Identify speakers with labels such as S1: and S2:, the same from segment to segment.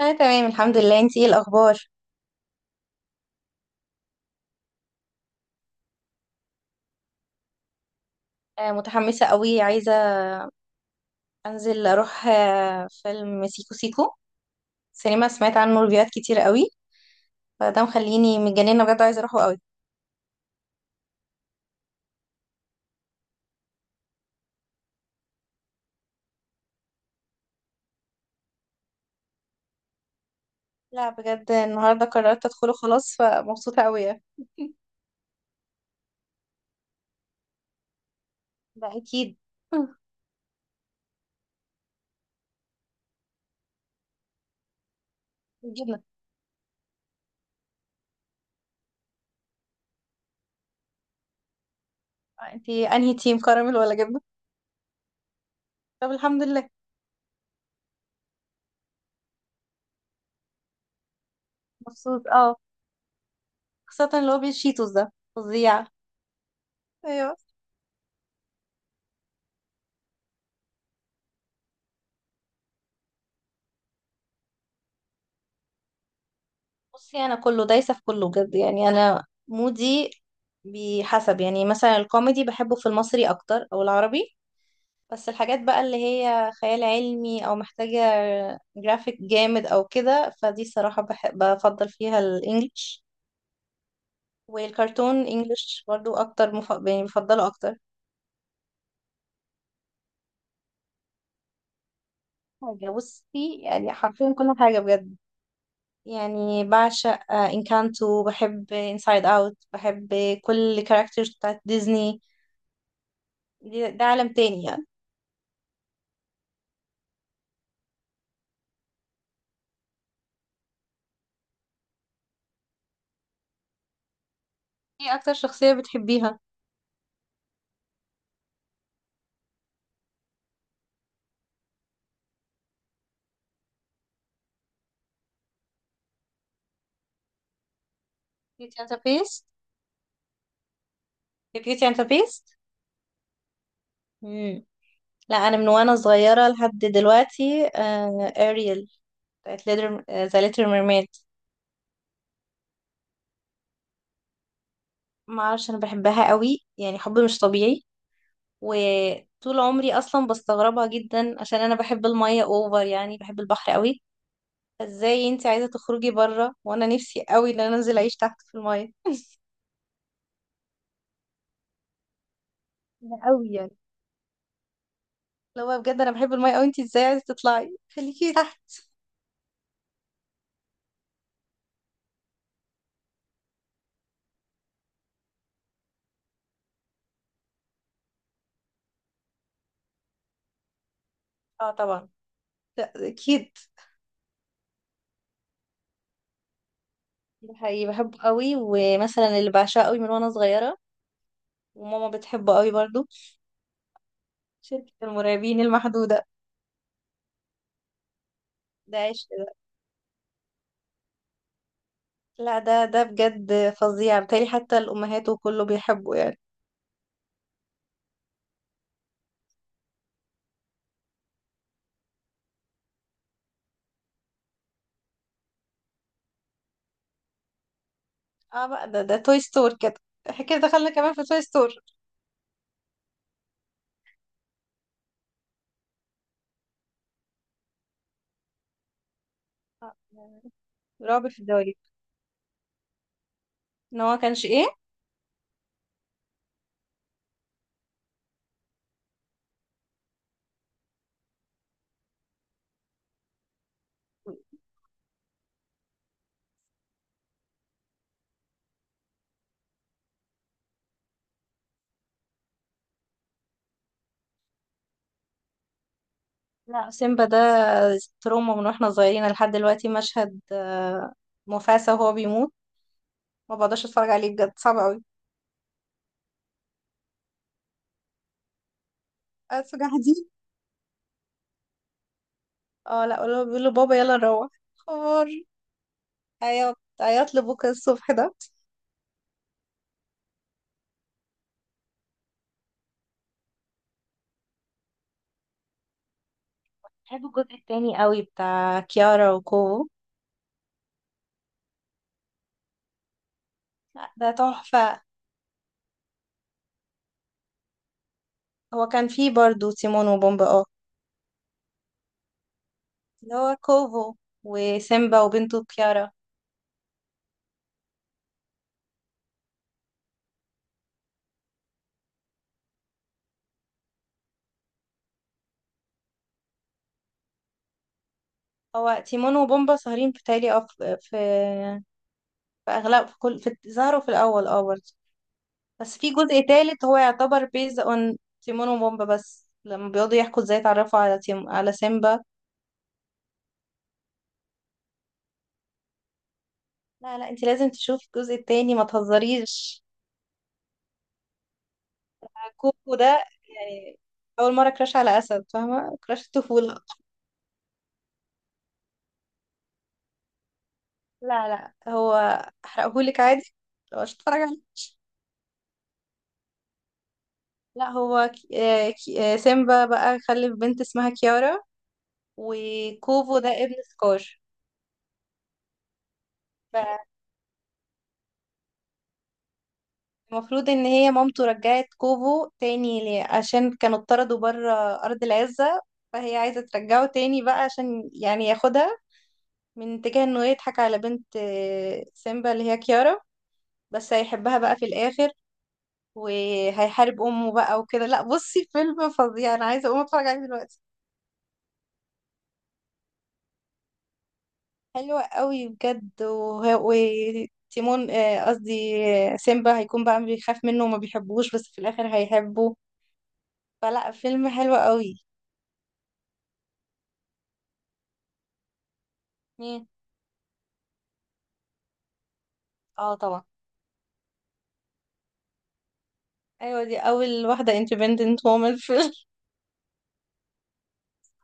S1: انا تمام، الحمد لله. انتي ايه الاخبار؟ متحمسه قوي، عايزه انزل اروح فيلم سيكو سيكو سينما. سمعت عنه ريفيوهات كتير قوي، فده مخليني متجننه، بجد عايزه اروحه قوي. لا بجد، النهارده قررت ادخله خلاص، فمبسوطه قوي يعني. ده اكيد. جبنه. آه، انتي انهي تيم، كراميل ولا جبنه؟ طب، الحمد لله. مبسوط، اه. خاصه اللي هو بالشيتوس ده فظيع. ايوه. بصي، انا كله دايسه في كله بجد يعني، انا مودي. بحسب، يعني مثلا الكوميدي بحبه في المصري اكتر، او العربي. بس الحاجات بقى اللي هي خيال علمي او محتاجه جرافيك جامد او كده، فدي الصراحه بحب بفضل فيها الانجليش. والكرتون انجليش برضو اكتر، يعني بفضله اكتر. حاجه، بصي يعني حرفيا كل حاجه بجد. يعني بعشق انكانتو، بحب انسايد اوت، بحب كل الكاركترز بتاعت ديزني. ده عالم تاني يعني. ايه اكتر شخصية بتحبيها؟ كيتي انت بيست. كيتي انت بيست. مم. لا، انا من وانا صغيرة لحد دلوقتي اريل، بتاعت ليدر، ذا ليتل ميرميد. ما اعرفش، انا بحبها قوي يعني، حب مش طبيعي. وطول عمري اصلا بستغربها جدا، عشان انا بحب المية اوفر، يعني بحب البحر قوي. ازاي انت عايزة تخرجي بره وانا نفسي قوي ان انا انزل اعيش تحت في المية؟ ده قوي يعني. لو بجد انا بحب المية قوي، انت ازاي عايزة تطلعي؟ خليكي تحت. اه، طبعا. اكيد. ده حقيقي بحبه قوي. ومثلا اللي بعشقه قوي من وانا صغيرة، وماما بتحبه قوي برضو، شركة المرعبين المحدودة. ده عشق ده. لا، ده بجد فظيع، بالتالي حتى الأمهات وكله بيحبه يعني. اه بقى، ده توي ستور كده. احنا كده دخلنا كمان في توي ستور. آه، رعب في الدواليب. ان هو كانش ايه؟ لا، سيمبا ده تروما من واحنا صغيرين لحد دلوقتي. مشهد مفاسة وهو بيموت، ما بقدرش اتفرج عليه بجد، صعب قوي. أسف. اه، لا ولا بيقولوا بابا يلا نروح حوار. عياط عياط لبكره الصبح ده. بحب الجزء التاني قوي، بتاع كيارا وكوفو. لا، ده تحفة. هو كان فيه برضو تيمون وبومبا، اه. اللي هو كوفو وسيمبا وبنته كيارا. هو تيمون وبومبا سهرين بتهيألي، اه، في أغلب، في ظهروا في الأول اه برضه. بس في جزء تالت، هو يعتبر بيز اون تيمون وبومبا بس، لما بيقعدوا يحكوا ازاي اتعرفوا على سيمبا. لا، لا، انت لازم تشوفي الجزء التاني، ما تهزريش. كوكو ده يعني، اول مره كراش على اسد، فاهمه؟ كراش الطفوله. لا، لا، هو احرقهولك عادي لو مش هتتفرج عليه. لا، هو سيمبا بقى خلف بنت اسمها كيارا، وكوفو ده ابن سكار. فالمفروض ان هي مامته رجعت كوفو تاني ليه؟ عشان كانوا اتطردوا بره ارض العزة. فهي عايزة ترجعه تاني بقى عشان يعني ياخدها، من اتجاه انه يضحك على بنت سيمبا اللي هي كيارا. بس هيحبها بقى في الاخر، وهيحارب امه بقى وكده. لا بصي، فيلم فظيع، انا عايزه اقوم اتفرج عليه دلوقتي. حلوة قوي بجد. وتيمون، قصدي سيمبا هيكون بقى بيخاف منه وما بيحبوش، بس في الاخر هيحبه. فلا، فيلم حلو قوي. مين؟ اه، طبعا. ايوه، دي اول واحده independent woman في الفيلم.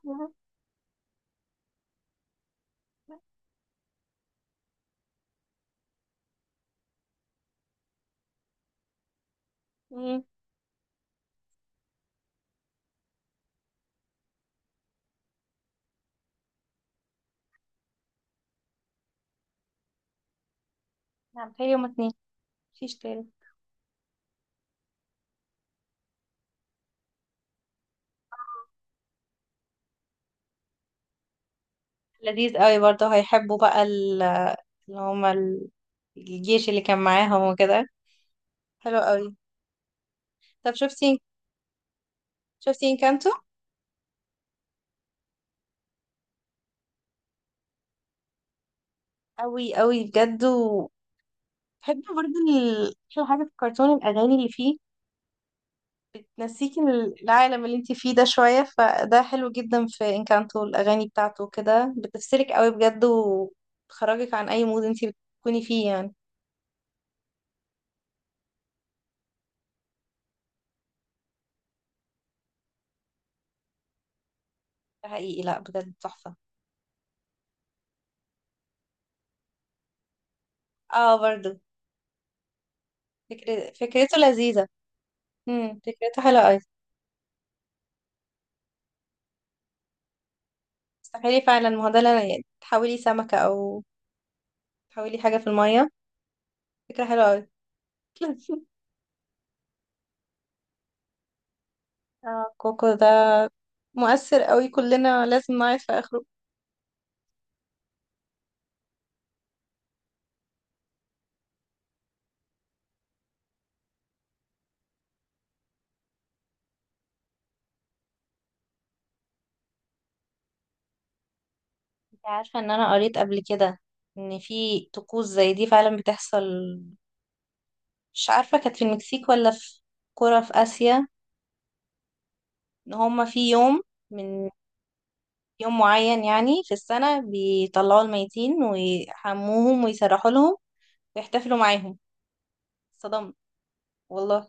S1: مم. نعم، بتهيألي هما اتنين، مفيش تاني. لذيذ قوي برضه، هيحبوا بقى اللي هما ال- الجيش اللي كان معاهم وكده. حلو قوي. طب شفتي؟ شفتي انكانتو؟ أوي أوي بجد. وبحب برضه أحلى حاجة في الكرتون، الأغاني اللي فيه تنسيكي من العالم اللي انتي فيه ده شوية، فده حلو جدا. في انكانتو الأغاني بتاعته كده بتفصلك أوي بجد، وبتخرجك عن أي مود انتي بتكوني فيه يعني. ده حقيقي، لأ بجد تحفة. اه برضه، فكرته لذيذة. فكرته حلوة أوي. تخيلي فعلا، ما هو ده يعني تحولي سمكة، أو تحولي حاجة في المية، فكرة حلوة أوي. اه، كوكو ده مؤثر أوي، كلنا لازم نعرف في آخره. انت عارفة ان انا قريت قبل كده، ان في طقوس زي دي فعلا بتحصل؟ مش عارفة، كانت في المكسيك ولا في قرى في آسيا، ان هما في يوم من يوم معين يعني في السنة بيطلعوا الميتين ويحموهم ويسرحوا لهم ويحتفلوا معاهم. صدمت والله.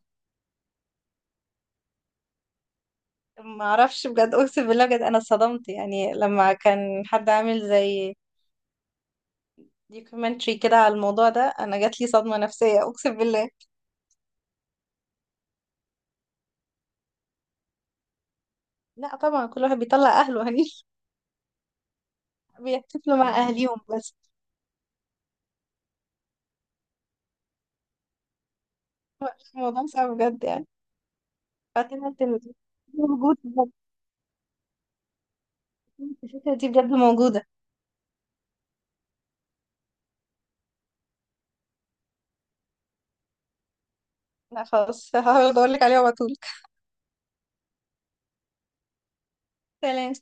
S1: ما اعرفش بجد، اقسم بالله، بجد انا صدمت. يعني لما كان حد عامل زي دوكيومنتري كده على الموضوع ده، انا جات لي صدمة نفسية، اقسم بالله. لا طبعا، كل واحد بيطلع اهله هني، بيحتفلوا مع أهليهم بس. الموضوع صعب بجد يعني. فكانت موجودة بجد. الفكرة دي بجد موجودة. لا خلاص، هحاول أدورلك عليها وأبعتهولك. سلام.